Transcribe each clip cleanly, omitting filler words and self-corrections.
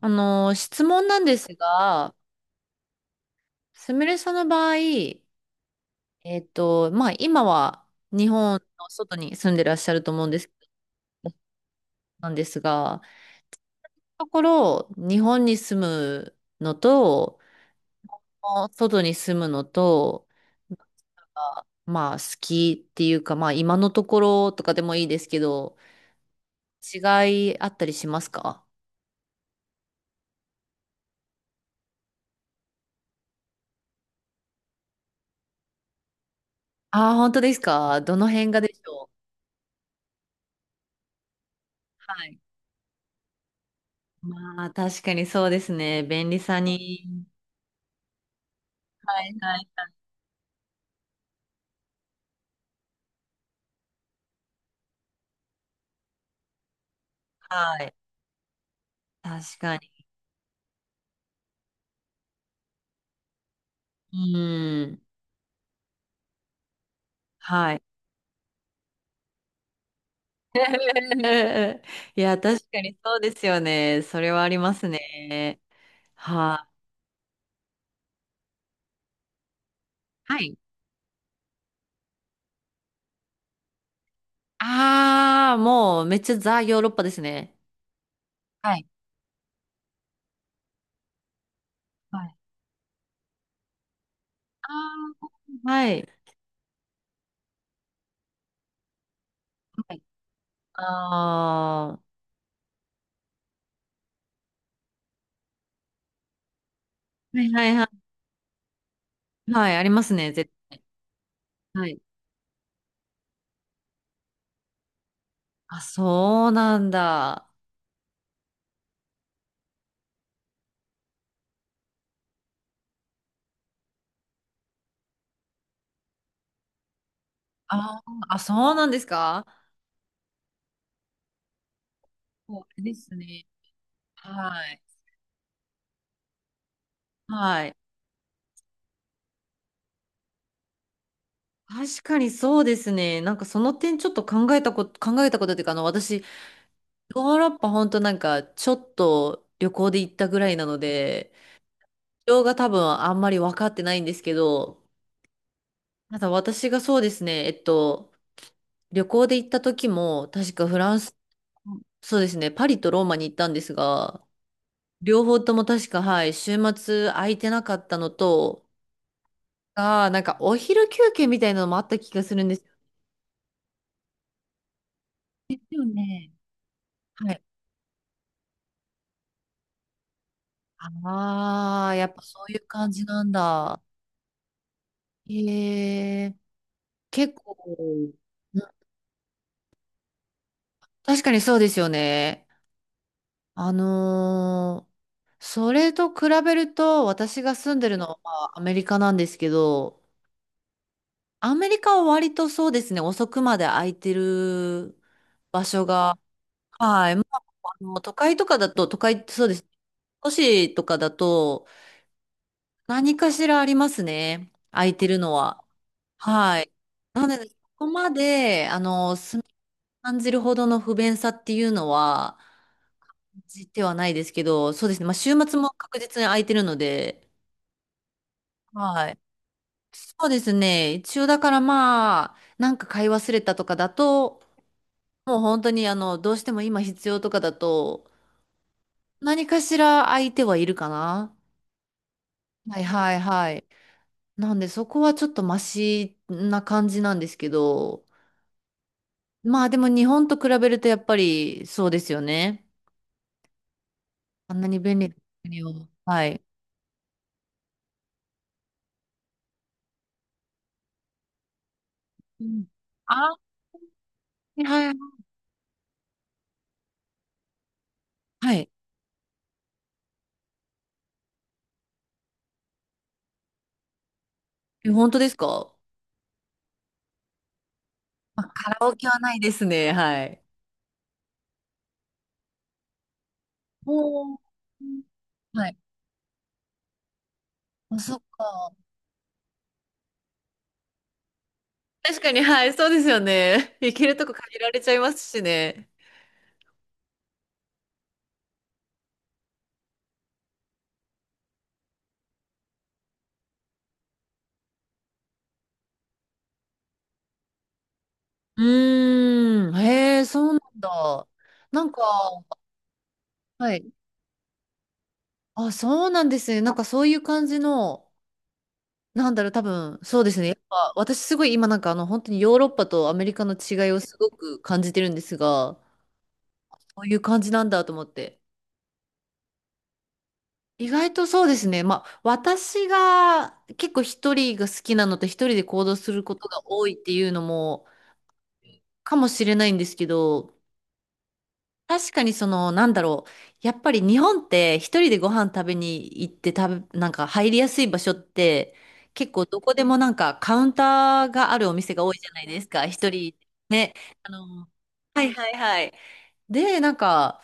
質問なんですが、すみれさんの場合、今は日本の外に住んでらっしゃると思うんです、なんですが、ところ、日本に住むのと、外に住むのと、な好きっていうか、まあ、今のところとかでもいいですけど、違いあったりしますか？ああー、本当ですか？どの辺がでしょう？はい。まあ、確かにそうですね。便利さに。はいはいはい。確かに。うん。はい。いや、確かにそうですよね。それはありますね。はい。はい。ああ、もうめっちゃザ・ヨーロッパですね。はい。はい。ああ、はい。はい。ああ、はいはいはい。はい、ありますね、絶対。はい。あ、そうなんだ。あーあ、そうなんですか？そうですね。はい。はい。確かにそうですね。なんかその点ちょっと考えたこと、考えたことっていうか、あの、私、ヨーロッパ本当なんかちょっと旅行で行ったぐらいなので、事情が多分あんまり分かってないんですけど、ただ私がそうですね、旅行で行った時も、確かフランス、そうですね、パリとローマに行ったんですが、両方とも確か、はい、週末空いてなかったのと、あーなんかお昼休憩みたいなのもあった気がするんですよ。ですよね。はい。ああ、やっぱそういう感じなんだ。へえ、結構、うん。確かにそうですよね。あのーそれと比べると、私が住んでるのは、まあ、アメリカなんですけど、アメリカは割とそうですね、遅くまで空いてる場所が、はい、まあ、あの、都会とかだと、都会ってそうです。都市とかだと、何かしらありますね、空いてるのは。はい。なので、そこまで、あの、住み感じるほどの不便さっていうのは、感じてはないですけど、そうですね。まあ、週末も確実に空いてるので、はい。そうですね。一応だからまあ、なんか買い忘れたとかだと、もう本当にあの、どうしても今必要とかだと、何かしら空いてはいるかな。はいはいはい。なんでそこはちょっとマシな感じなんですけど、まあでも日本と比べるとやっぱりそうですよね。あんなに便利な国を。はい。うん。あ、はいはい。はい。え、本当ですか？まあ、カラオケはないですね。はい。おー。はい。あ、そっか。確かに、はい、そうですよね。行けるとこ限られちゃいますしね。うーん。へえ、そうなんだ。なんか、はい。あ、そうなんですね。なんかそういう感じの、なんだろう、多分、そうですね。やっぱ私すごい今なんかあの、本当にヨーロッパとアメリカの違いをすごく感じてるんですが、こういう感じなんだと思って。意外とそうですね。まあ、私が結構一人が好きなのと一人で行動することが多いっていうのもかもしれないんですけど、確かにその、なんだろう。やっぱり日本って一人でご飯食べに行って食べ、なんか入りやすい場所って結構どこでもなんかカウンターがあるお店が多いじゃないですか。一人ね。あの、はいはいはい。で、なんか、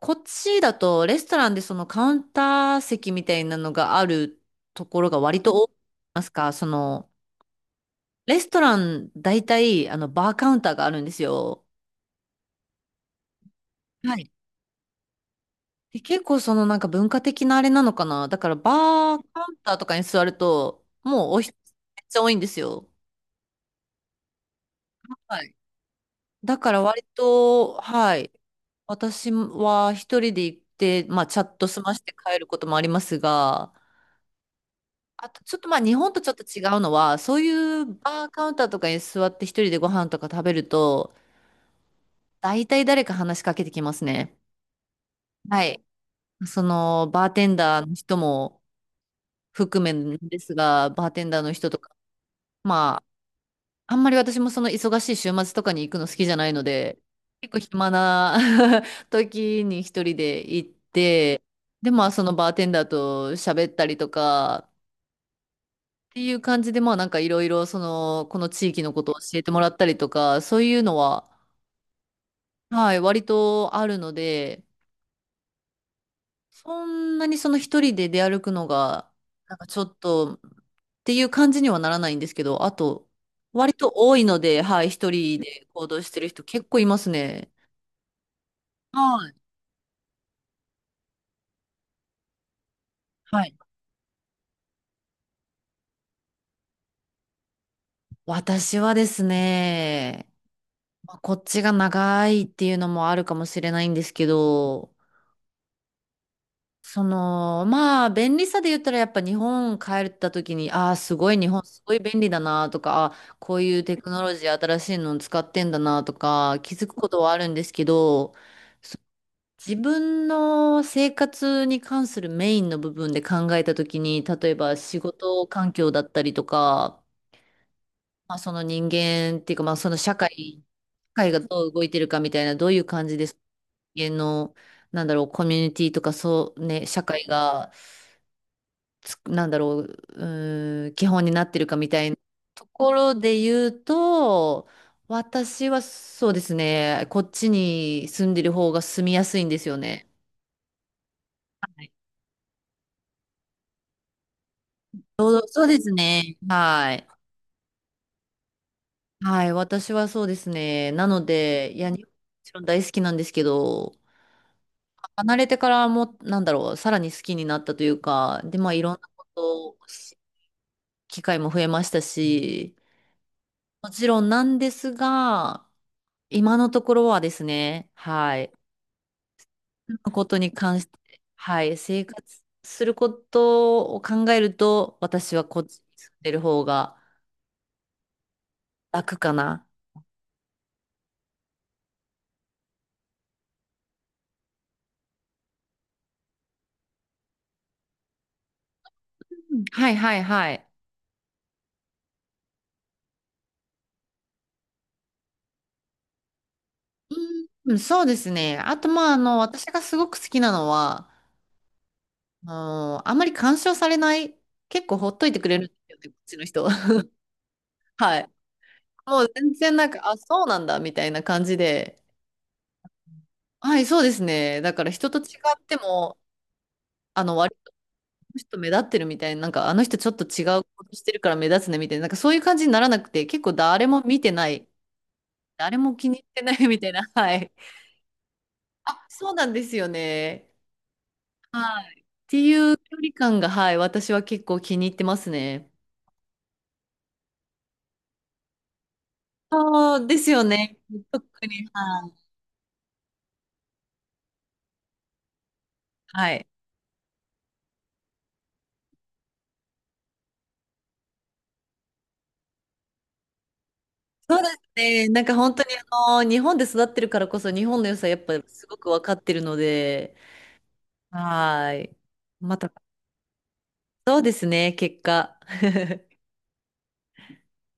こっちだとレストランでそのカウンター席みたいなのがあるところが割と多いますか、そのレストラン大体あのバーカウンターがあるんですよ。はい。で結構そのなんか文化的なあれなのかな。だからバーカウンターとかに座るともうお人めっちゃ多いんですよ。はい。だから割と、はい。私は一人で行って、まあチャット済まして帰ることもありますが、あと、ちょっとまあ日本とちょっと違うのは、そういうバーカウンターとかに座って一人でご飯とか食べると、大体誰か話しかけてきますね。はい。その、バーテンダーの人も含めんですが、バーテンダーの人とか、まあ、あんまり私もその忙しい週末とかに行くの好きじゃないので、結構暇な 時に一人で行って、で、まあそのバーテンダーと喋ったりとか、っていう感じで、まあなんかいろいろその、この地域のことを教えてもらったりとか、そういうのは、はい、割とあるので、そんなにその一人で出歩くのが、なんかちょっと、っていう感じにはならないんですけど、あと、割と多いので、はい、一人で行動してる人結構いますね。はい。はい。私はですね、まあこっちが長いっていうのもあるかもしれないんですけど、その、まあ、便利さで言ったら、やっぱ日本帰った時に、ああ、すごい、日本すごい便利だなとか、あーこういうテクノロジー新しいの使ってんだなとか、気づくことはあるんですけど、そ自分の生活に関するメインの部分で考えた時に、例えば仕事環境だったりとか、まあ、その人間っていうか、まあ、その社会、社会がどう動いてるかみたいな、どういう感じです人間の、なんだろう、コミュニティとか、そうね、社会が、つく、なんだろう、うーん、基本になってるかみたいなところで言うと、私はそうですね、こっちに住んでる方が住みやすいんですよね。ちうそうですね。はい。はい、私はそうですね。なので、いや、日本もちろん大好きなんですけど、離れてからも、なんだろう、さらに好きになったというか、で、まあ、いろんなことをし、機会も増えましたし、もちろんなんですが、今のところはですね、はい。ことに関して、はい。生活することを考えると、私はこっちに住んでる方が楽かな。うんはいはいはい。うん、そうですね。あと、まあ、あの、私がすごく好きなのは、あの、あんまり干渉されない、結構ほっといてくれるんですよね、こっちの人は。はい。もう全然なんか、あ、そうなんだ、みたいな感じで。はい、そうですね。だから人と違っても、あの、割の人目立ってるみたいな、なんかあの人ちょっと違うことしてるから目立つねみたいな、なんかそういう感じにならなくて、結構誰も見てない、誰も気に入ってないみたいな、はい。あ、そうなんですよね。はい。っていう距離感が、はい、私は結構気に入ってますね。そうですよね。特に、はい。はい。そうですね。なんか本当にあの、日本で育ってるからこそ日本の良さやっぱすごく分かってるので、はい。また、そうですね、結果。